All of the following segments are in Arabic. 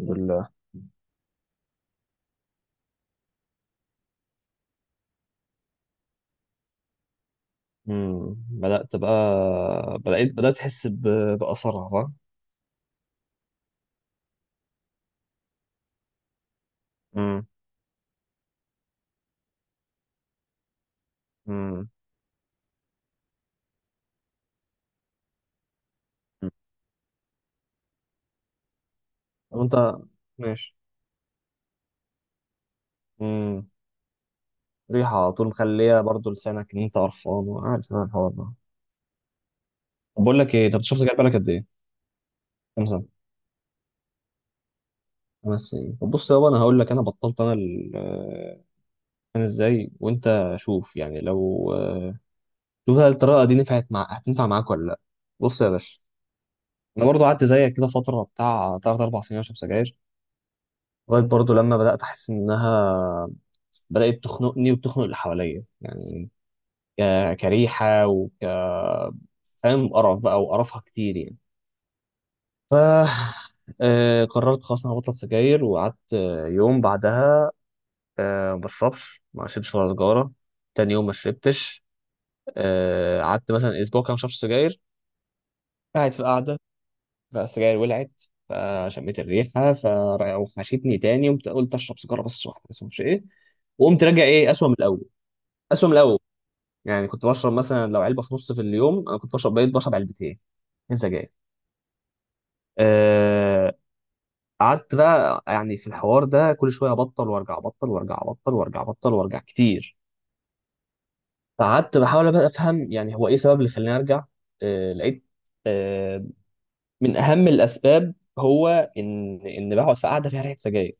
الحمد لله. بدأت بقى. بدأت أحس بأثرها، صح؟ امم. امم. وأنت. ماشي. امم. ريحة على طول مخلية برضو لسانك إن أنت قرفان، وعارف أنا الحوار ده. طب بقول لك إيه، أنت شفت جاي بالك قد إيه؟ كام سنة؟ خمس سنين؟ طب بص يابا، أنا هقول لك أنا بطلت. أنا أنا إزاي، وأنت شوف يعني لو شوف، هل الطريقة دي نفعت مع هتنفع معاك ولا لأ؟ بص يا باشا، أنا برضو قعدت زيك كده فترة بتاع تلات أربع سنين أشرب سجاير، لغايه برضه لما بدات احس انها بدات تخنقني وتخنق اللي حواليا، يعني كريحه فاهم، قرف بقى وقرفها كتير يعني. ف قررت خلاص انا هبطل سجاير، وقعدت يوم بعدها ما شربتش ولا سجاره، تاني يوم ما شربتش. قعدت مثلا اسبوع كده ما شربتش سجاير، قاعد في قعده، فالسجاير ولعت، فشميت الريحه فوحشتني تاني، قمت قلت اشرب سيجاره بس، واحده بس مش ايه، وقمت راجع ايه، اسوأ من الاول. اسوأ من الاول، يعني كنت بشرب مثلا لو علبه في نص في اليوم، انا كنت بشرب بقيت بشرب علبتين، اتنين سجاير. آه، قعدت بقى يعني في الحوار ده كل شويه ابطل وارجع، ابطل وارجع، ابطل وارجع، ابطل وارجع كتير، فقعدت بحاول بقى افهم يعني هو ايه السبب اللي خلاني ارجع. لقيت آه، من اهم الاسباب هو ان بقعد في قعده فيها ريحه سجاير،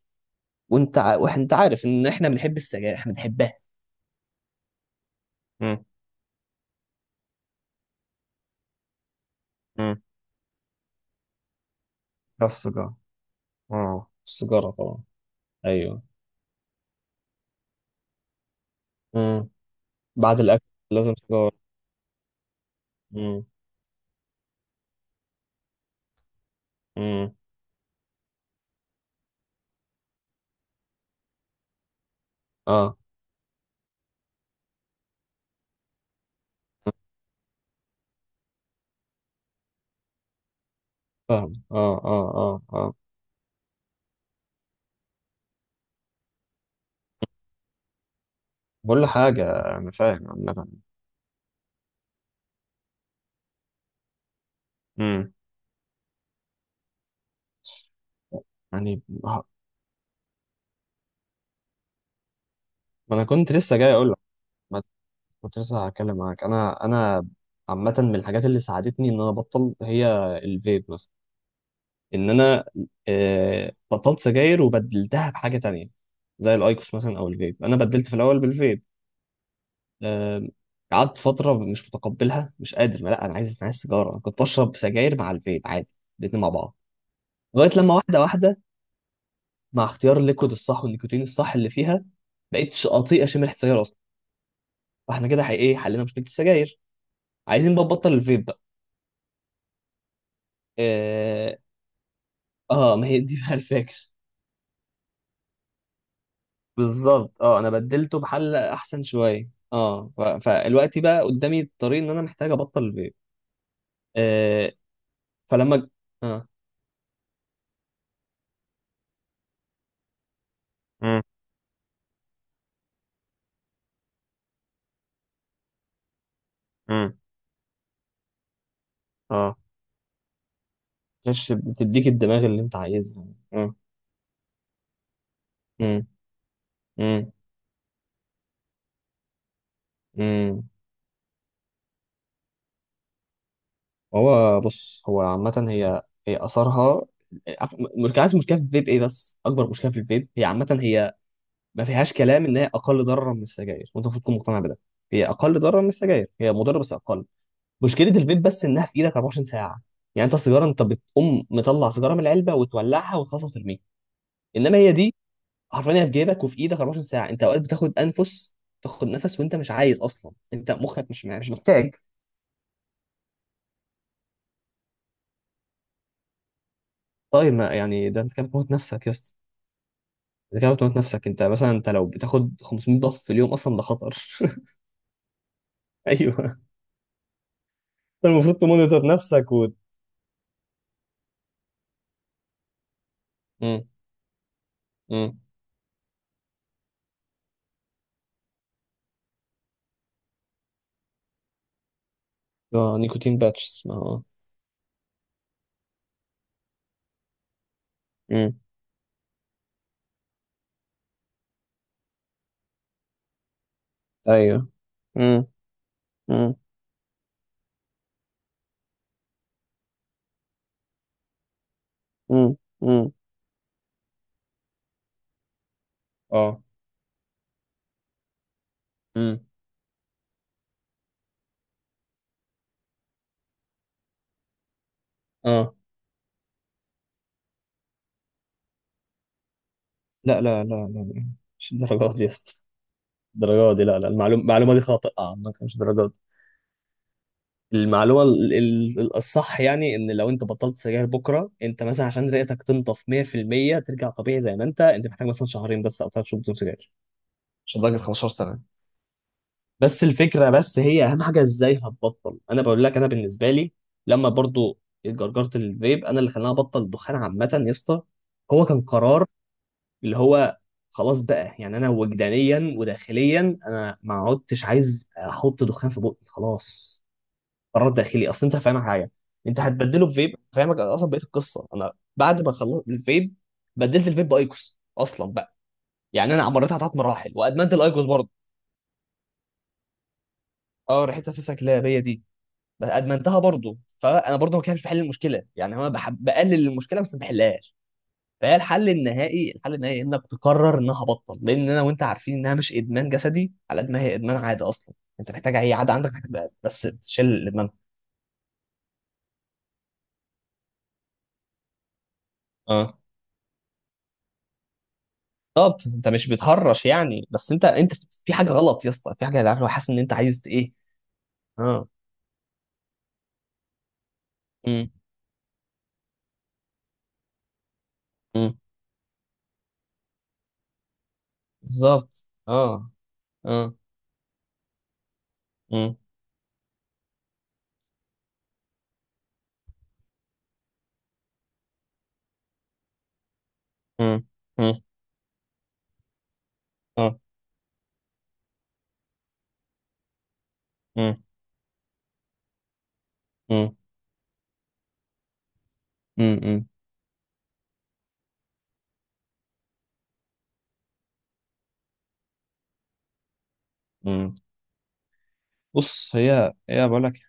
وانت عارف ان احنا بنحب السجاير، احنا بنحبها. مم. مم. بس السجارة، اه السيجاره طبعا. ايوه. مم. بعد الاكل لازم سيجاره. مم. مم. اه، فاهم، اه، اه، اه، اه. بقول له حاجه، انا فاهم عامه. مم. يعني ما انا كنت لسه جاي اقول لك، ما كنت لسه هتكلم معاك. انا عامه من الحاجات اللي ساعدتني ان انا ابطل هي الفيب مثلا، ان انا بطلت سجاير وبدلتها بحاجه تانية زي الايكوس مثلا او الفيب، انا بدلت في الاول بالفيب. آم، قعدت فتره مش متقبلها، مش قادر، ما لا انا عايز سيجاره. أنا كنت بشرب سجاير مع الفيب عادي، الاتنين مع بعض، لغايه لما واحده واحده، مع اختيار الليكود الصح والنيكوتين الصح اللي فيها، بقيت اطيق اشم ريحه السجاير اصلا. فاحنا كده حي- ايه حلينا مشكله السجاير، عايزين بقى نبطل الفيب بقى. اه. ما هي دي بقى الفكره. بالظبط، اه انا بدلته بحل احسن شويه، اه فالوقت بقى قدامي الطريق ان انا محتاج ابطل الفيب. آه. فلما ج- اه. امم. امم. اه، مش بتديك الدماغ اللي انت عايزها. مم. مم. مم. مم. هو بص، هو عامة، هي اثرها، عارف- مش عارف المشكله في الفيب ايه، بس اكبر مشكله في الفيب هي عامة ما فيهاش كلام ان هي اقل ضررا من السجاير، وانت المفروض تكون مقتنع بده. هي اقل ضررا من السجاير، هي مضره بس اقل. مشكله الفيب بس انها في ايدك 24 ساعه، يعني انت السيجاره، انت بتقوم مطلع سيجاره من العلبه وتولعها وتخلصها وترميها، انما هي دي حرفيا هي في جيبك وفي ايدك 24 ساعه، انت اوقات بتاخد انفس، تاخد نفس وانت مش عايز اصلا، انت مخك مش محتاج. طيب ما يعني ده انت كده بتموت نفسك يا اسطى، انت كده بتموت نفسك، انت مثلا انت لو بتاخد 500 ضغط في اليوم اصلا ده خطر. ايوه. انت المفروض تمونيتور نفسك و... امم. امم. اه، نيكوتين باتش اسمها، اه. امم. ايوه. امم. امم. امم. امم. اه. امم. اه. لا، لا، لا، لا، مش الدرجات دي يا اسطى، الدرجات دي، لا لا، المعلومه دي خاطئه عنك، مش الدرجات دي. المعلومه الصح يعني ان لو انت بطلت سجاير بكره، انت مثلا عشان رئتك تنضف 100% ترجع طبيعي زي ما انت، محتاج مثلا شهرين بس او ثلاث شهور بدون سجاير، مش لدرجه 15 سنه. بس الفكره، بس هي اهم حاجه ازاي هتبطل، انا بقول لك انا بالنسبه لي، لما برضو جرجرت الفيب انا اللي خلاني ابطل الدخان عامه يا اسطى، هو كان قرار، اللي هو خلاص بقى يعني انا وجدانيا وداخليا انا ما عدتش عايز احط دخان في بقي خلاص، قرار داخلي. اصل انت فاهمك حاجه، انت هتبدله بفيب، فاهمك؟ أنا اصلا بقيت القصه، انا بعد ما خلصت الفيب بدلت الفيب بايكوس اصلا بقى، يعني انا عمرتها ثلاث مراحل وادمنت الايكوس برضه. اه، ريحتها فسك، لا هي دي. بس ادمنتها برضه، فانا برضه ما كانش بحل المشكله، يعني انا بحب بقلل المشكله بس ما بحلهاش. فهي الحل النهائي، الحل النهائي انك تقرر انها بطل، لان انا وانت عارفين انها مش ادمان جسدي على قد ما هي ادمان عاده اصلا، انت محتاج اي عاده عندك محتاج بس تشيل الادمان. اه. طب انت مش بتهرش يعني، بس انت في حاجه غلط يا اسطى، في حاجه، عارف، لو حاسس ان انت عايز ايه. اه. امم. امم. بالظبط، اه. اه. امم. امم. امم. اه. امم. امم. امم. امم. بص هي بقول لك.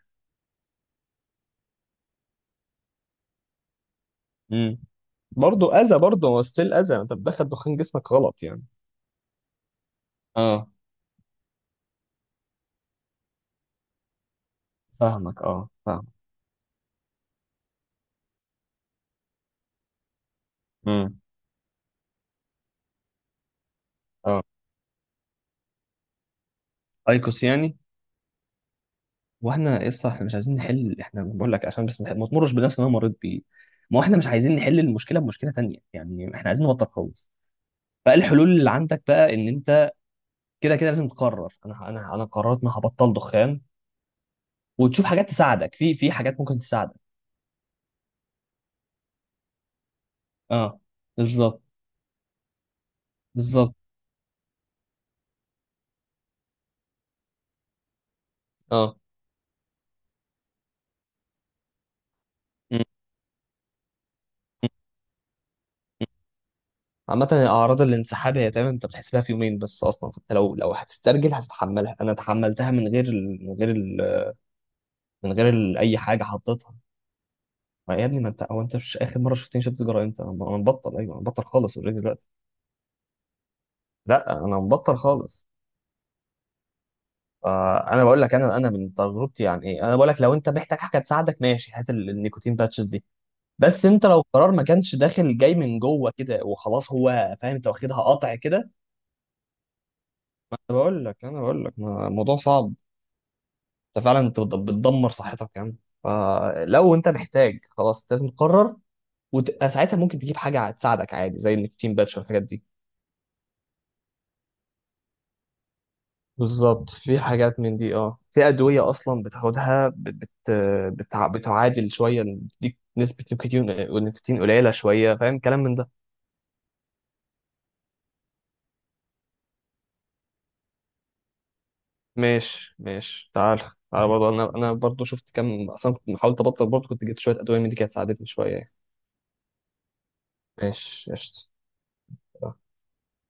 امم. برضه اذى، برضه هو ستيل اذى، انت بتدخل دخان جسمك غلط يعني. اه، فاهمك، اه فاهم. امم. اه، ايكوس يعني. واحنا يسطا احنا مش عايزين نحل، احنا بقول لك عشان بس ما تمرش بنفس اللي انا مريت بيه، ما هو احنا مش عايزين نحل المشكله بمشكله تانية، يعني احنا عايزين نبطل خالص. فالحلول اللي عندك بقى ان انت كده كده لازم تقرر. انا قررت ان أنا هبطل دخان، وتشوف حاجات تساعدك في حاجات ممكن تساعدك. اه. بالظبط. بالظبط. اه. م- م- م. عامة أعراض الانسحاب هي تقريبا أنت بتحس بيها في يومين بس أصلا، فأنت لو هتسترجل هتتحملها، أنا تحملتها من غير ال... من غير من غير ال- اي حاجه حطيتها. ما يا ابني، ما انت، هو انت، مش اخر مره شفتني شربت سيجاره امتى؟ أنا مبطل، ايوه انا مبطل خالص اوريدي دلوقتي. لا، انا مبطل خالص. فانا بقول لك، انا من تجربتي يعني ايه، انا بقول لك لو انت محتاج حاجه تساعدك ماشي، هات النيكوتين باتشز دي، بس انت لو قرار ما كانش داخل جاي من جوه كده وخلاص، هو فاهم، انت واخدها قطع كده. انا بقول لك، الموضوع صعب، انت فعلا انت بتدمر صحتك يعني، فلو انت محتاج خلاص لازم تقرر، وساعتها ممكن تجيب حاجه تساعدك عادي زي النيكوتين باتش والحاجات دي. بالظبط، في حاجات من دي، اه في ادويه اصلا بتاخدها بتعادل شويه، بتديك نسبه نيكوتين، نيكوتين قليله شويه، فاهم كلام من ده. ماشي، ماشي، تعال. تعال برضه، انا برضه شفت كام، اصلا كنت محاولت ابطل برضه، كنت جبت شويه ادويه من دي كانت ساعدتني شويه يعني. ماشي، قشطه.